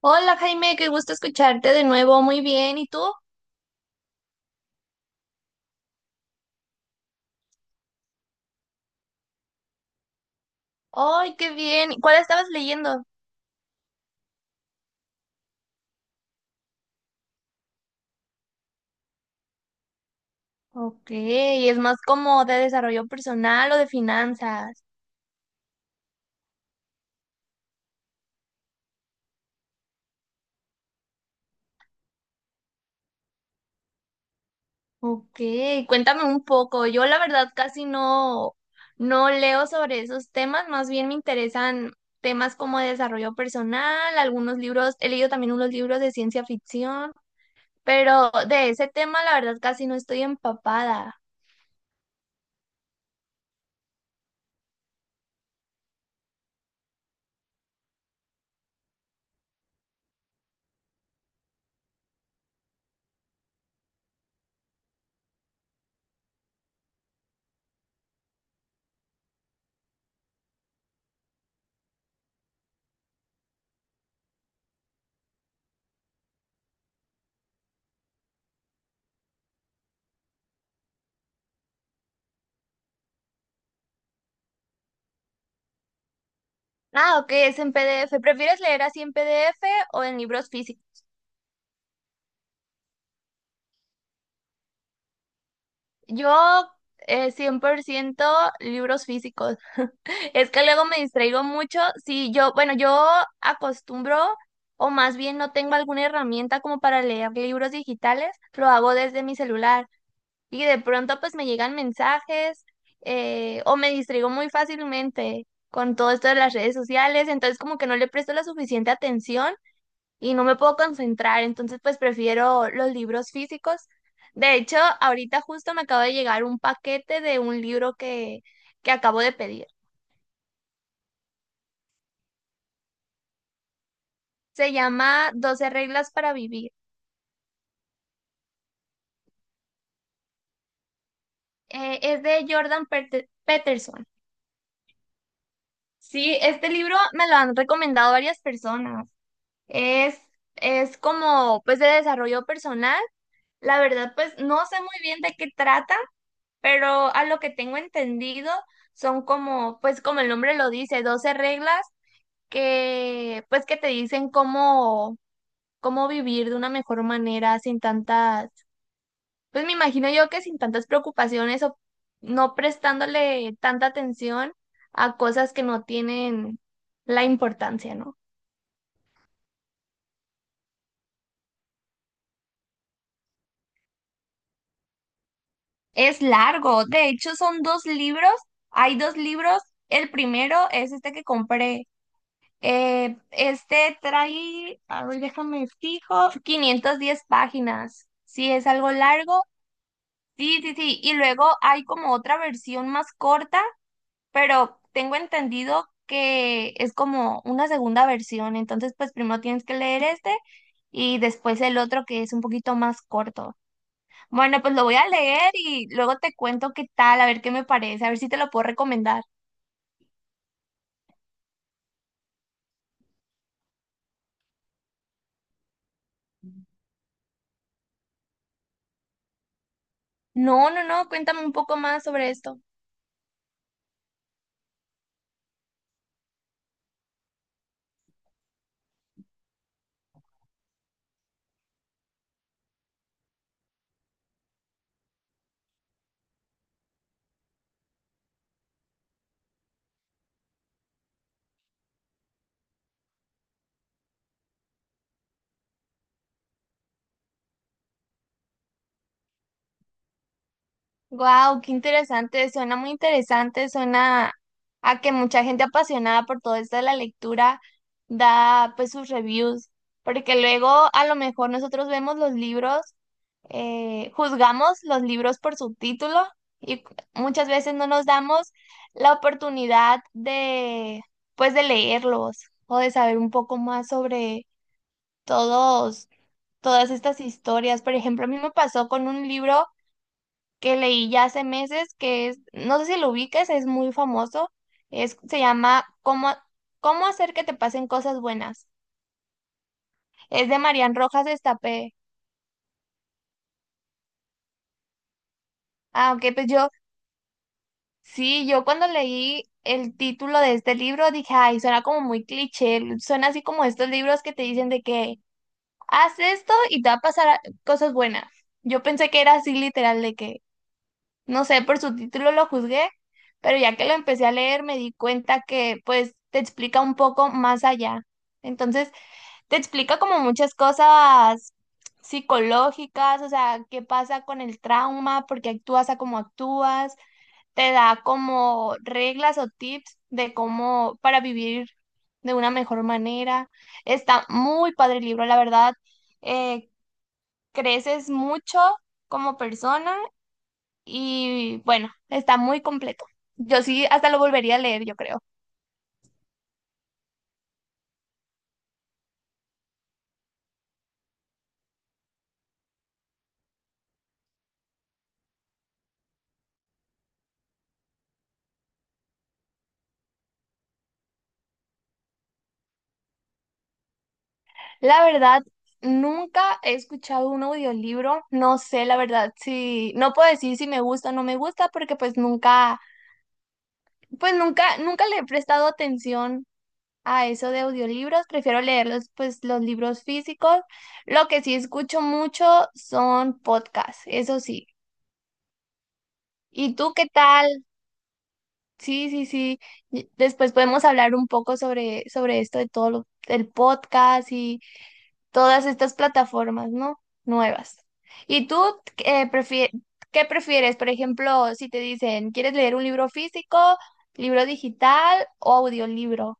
Hola Jaime, qué gusto escucharte de nuevo. Muy bien, ¿y tú? ¡Ay, qué bien! ¿Cuál estabas leyendo? Ok, es más como de desarrollo personal o de finanzas. Ok, cuéntame un poco. Yo la verdad casi no leo sobre esos temas, más bien me interesan temas como de desarrollo personal, algunos libros, he leído también unos libros de ciencia ficción, pero de ese tema la verdad casi no estoy empapada. Ah, ok, es en PDF. ¿Prefieres leer así en PDF o en libros físicos? Yo, 100% libros físicos. Es que luego me distraigo mucho. Sí, yo, bueno, yo acostumbro, o más bien no tengo alguna herramienta como para leer libros digitales, lo hago desde mi celular. Y de pronto pues me llegan mensajes, o me distraigo muy fácilmente con todo esto de las redes sociales, entonces como que no le presto la suficiente atención y no me puedo concentrar, entonces pues prefiero los libros físicos. De hecho, ahorita justo me acaba de llegar un paquete de un libro que acabo de pedir. Se llama 12 reglas para vivir. Es de Peterson. Sí, este libro me lo han recomendado varias personas. Es, es como pues de desarrollo personal. La verdad, pues no sé muy bien de qué trata, pero a lo que tengo entendido son como, pues como el nombre lo dice, 12 reglas que pues que te dicen cómo vivir de una mejor manera sin tantas, pues me imagino yo que sin tantas preocupaciones o no prestándole tanta atención a cosas que no tienen la importancia, ¿no? Es largo, de hecho son dos libros, hay dos libros, el primero es este que compré, este trae, a ver, déjame fijo, 510 páginas, sí es algo largo. Sí, sí, sí. Y luego hay como otra versión más corta, pero tengo entendido que es como una segunda versión. Entonces, pues primero tienes que leer este y después el otro que es un poquito más corto. Bueno, pues lo voy a leer y luego te cuento qué tal, a ver qué me parece, a ver si te lo puedo recomendar. No, no, no, cuéntame un poco más sobre esto. Wow, qué interesante, suena muy interesante, suena a que mucha gente apasionada por todo esto de la lectura da pues sus reviews, porque luego a lo mejor nosotros vemos los libros, juzgamos los libros por su título y muchas veces no nos damos la oportunidad de pues de leerlos o de saber un poco más sobre todos, todas estas historias. Por ejemplo, a mí me pasó con un libro que leí ya hace meses, que es, no sé si lo ubicas, es muy famoso, es, se llama cómo hacer que te pasen cosas buenas? Es de Marian Rojas Estapé. Ah, ok, pues yo, sí, yo cuando leí el título de este libro dije, ay, suena como muy cliché, suena así como estos libros que te dicen de que haz esto y te va a pasar cosas buenas. Yo pensé que era así literal de que no sé, por su título lo juzgué, pero ya que lo empecé a leer me di cuenta que pues te explica un poco más allá. Entonces, te explica como muchas cosas psicológicas, o sea, qué pasa con el trauma, por qué actúas a como actúas, te da como reglas o tips de cómo para vivir de una mejor manera. Está muy padre el libro, la verdad. eh, Creces mucho como persona y bueno, está muy completo. Yo sí, hasta lo volvería a leer, yo creo. La verdad, nunca he escuchado un audiolibro. No sé, la verdad, si no puedo decir si me gusta o no me gusta, porque pues nunca, pues nunca le he prestado atención a eso de audiolibros. Prefiero leerlos, pues, los libros físicos. Lo que sí escucho mucho son podcasts, eso sí. ¿Y tú qué tal? Sí, sí, sí. Y después podemos hablar un poco sobre esto de todo el podcast y todas estas plataformas, ¿no? Nuevas. ¿Y tú eh, prefie- qué prefieres? Por ejemplo, si te dicen, ¿quieres leer un libro físico, libro digital o audiolibro?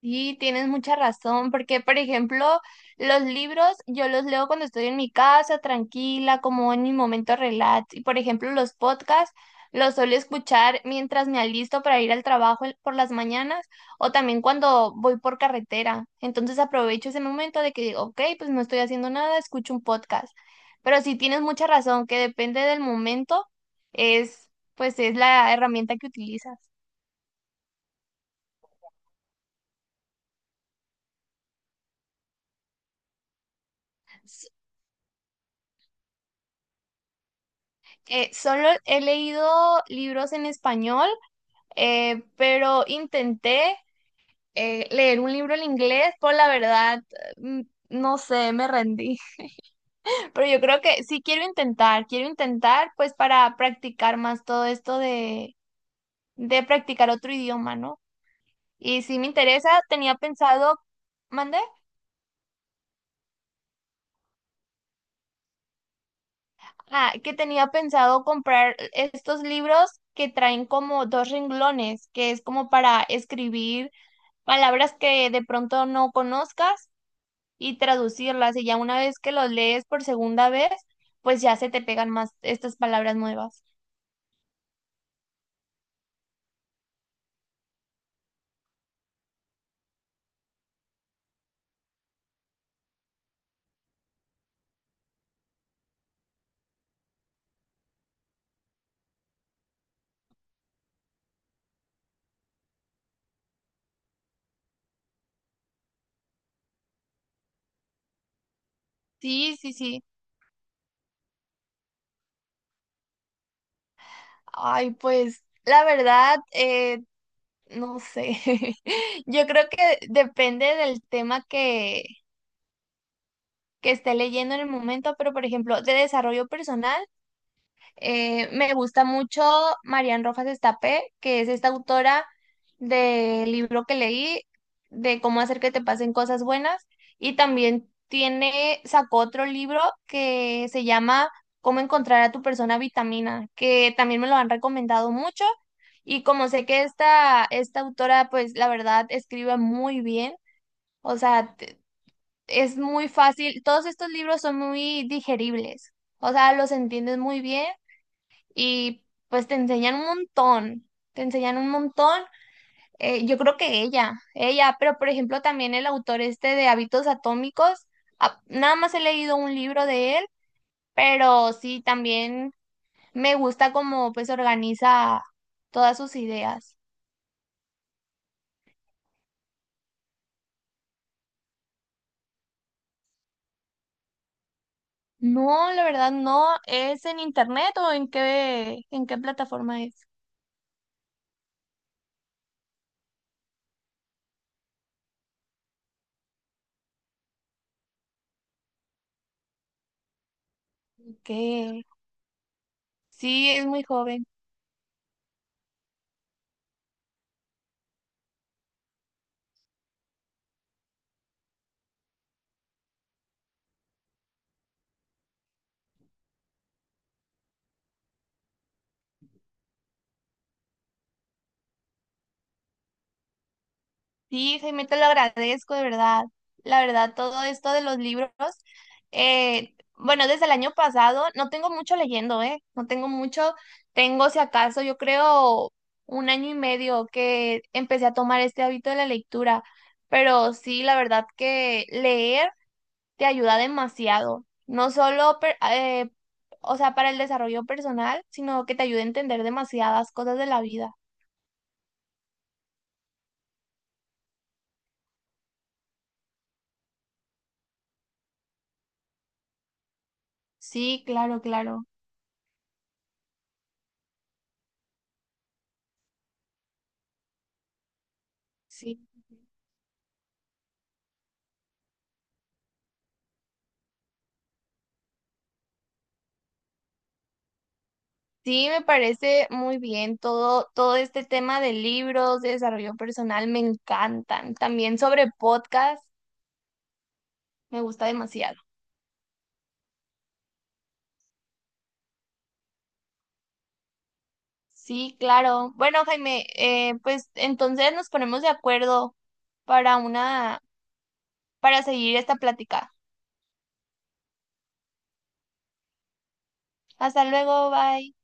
Sí, tienes mucha razón, porque por ejemplo, los libros yo los leo cuando estoy en mi casa, tranquila, como en mi momento relax. Y por ejemplo, los podcasts los suelo escuchar mientras me alisto para ir al trabajo por las mañanas o también cuando voy por carretera. Entonces aprovecho ese momento de que digo, ok, pues no estoy haciendo nada, escucho un podcast. Pero sí tienes mucha razón, que depende del momento, es pues es la herramienta que utilizas. Solo he leído libros en español, pero intenté leer un libro en inglés, por la verdad, mm, no sé, me rendí. Pero yo creo que sí quiero intentar pues para practicar más todo esto de practicar otro idioma, ¿no? Y si me interesa, tenía pensado, ¿mandé? Ah, que tenía pensado comprar estos libros que traen como dos renglones, que es como para escribir palabras que de pronto no conozcas y traducirlas. Y ya una vez que los lees por segunda vez, pues ya se te pegan más estas palabras nuevas. Sí, sí, sí. Ay, pues la verdad, no sé. Yo creo que depende del tema que esté leyendo en el momento, pero por ejemplo, de desarrollo personal. Me gusta mucho Marian Rojas Estapé, que es esta autora del libro que leí, de cómo hacer que te pasen cosas buenas. Y también tiene, sacó otro libro que se llama Cómo encontrar a tu persona vitamina, que también me lo han recomendado mucho. Y como sé que esta autora, pues la verdad, escribe muy bien, o sea, es muy fácil. Todos estos libros son muy digeribles, o sea, los entiendes muy bien y pues te enseñan un montón, te enseñan un montón. Yo creo que ella, pero por ejemplo también el autor este de Hábitos Atómicos, nada más he leído un libro de él, pero sí también me gusta cómo pues organiza todas sus ideas. No, la verdad no, ¿es en internet o en en qué plataforma es? Que sí, es muy joven. Sí, Jaime, te lo agradezco, de verdad. La verdad, todo esto de los libros, bueno, desde el año pasado no tengo mucho leyendo, ¿eh? No tengo mucho, tengo si acaso, yo creo 1 año y medio que empecé a tomar este hábito de la lectura, pero sí, la verdad que leer te ayuda demasiado, no solo, o sea, para el desarrollo personal, sino que te ayuda a entender demasiadas cosas de la vida. Sí, claro, claro. Sí. Sí, me parece muy bien todo, todo este tema de libros, de desarrollo personal, me encantan. También sobre podcast, me gusta demasiado. Sí, claro. Bueno, Jaime, pues entonces nos ponemos de acuerdo para una, para seguir esta plática. Hasta luego, bye.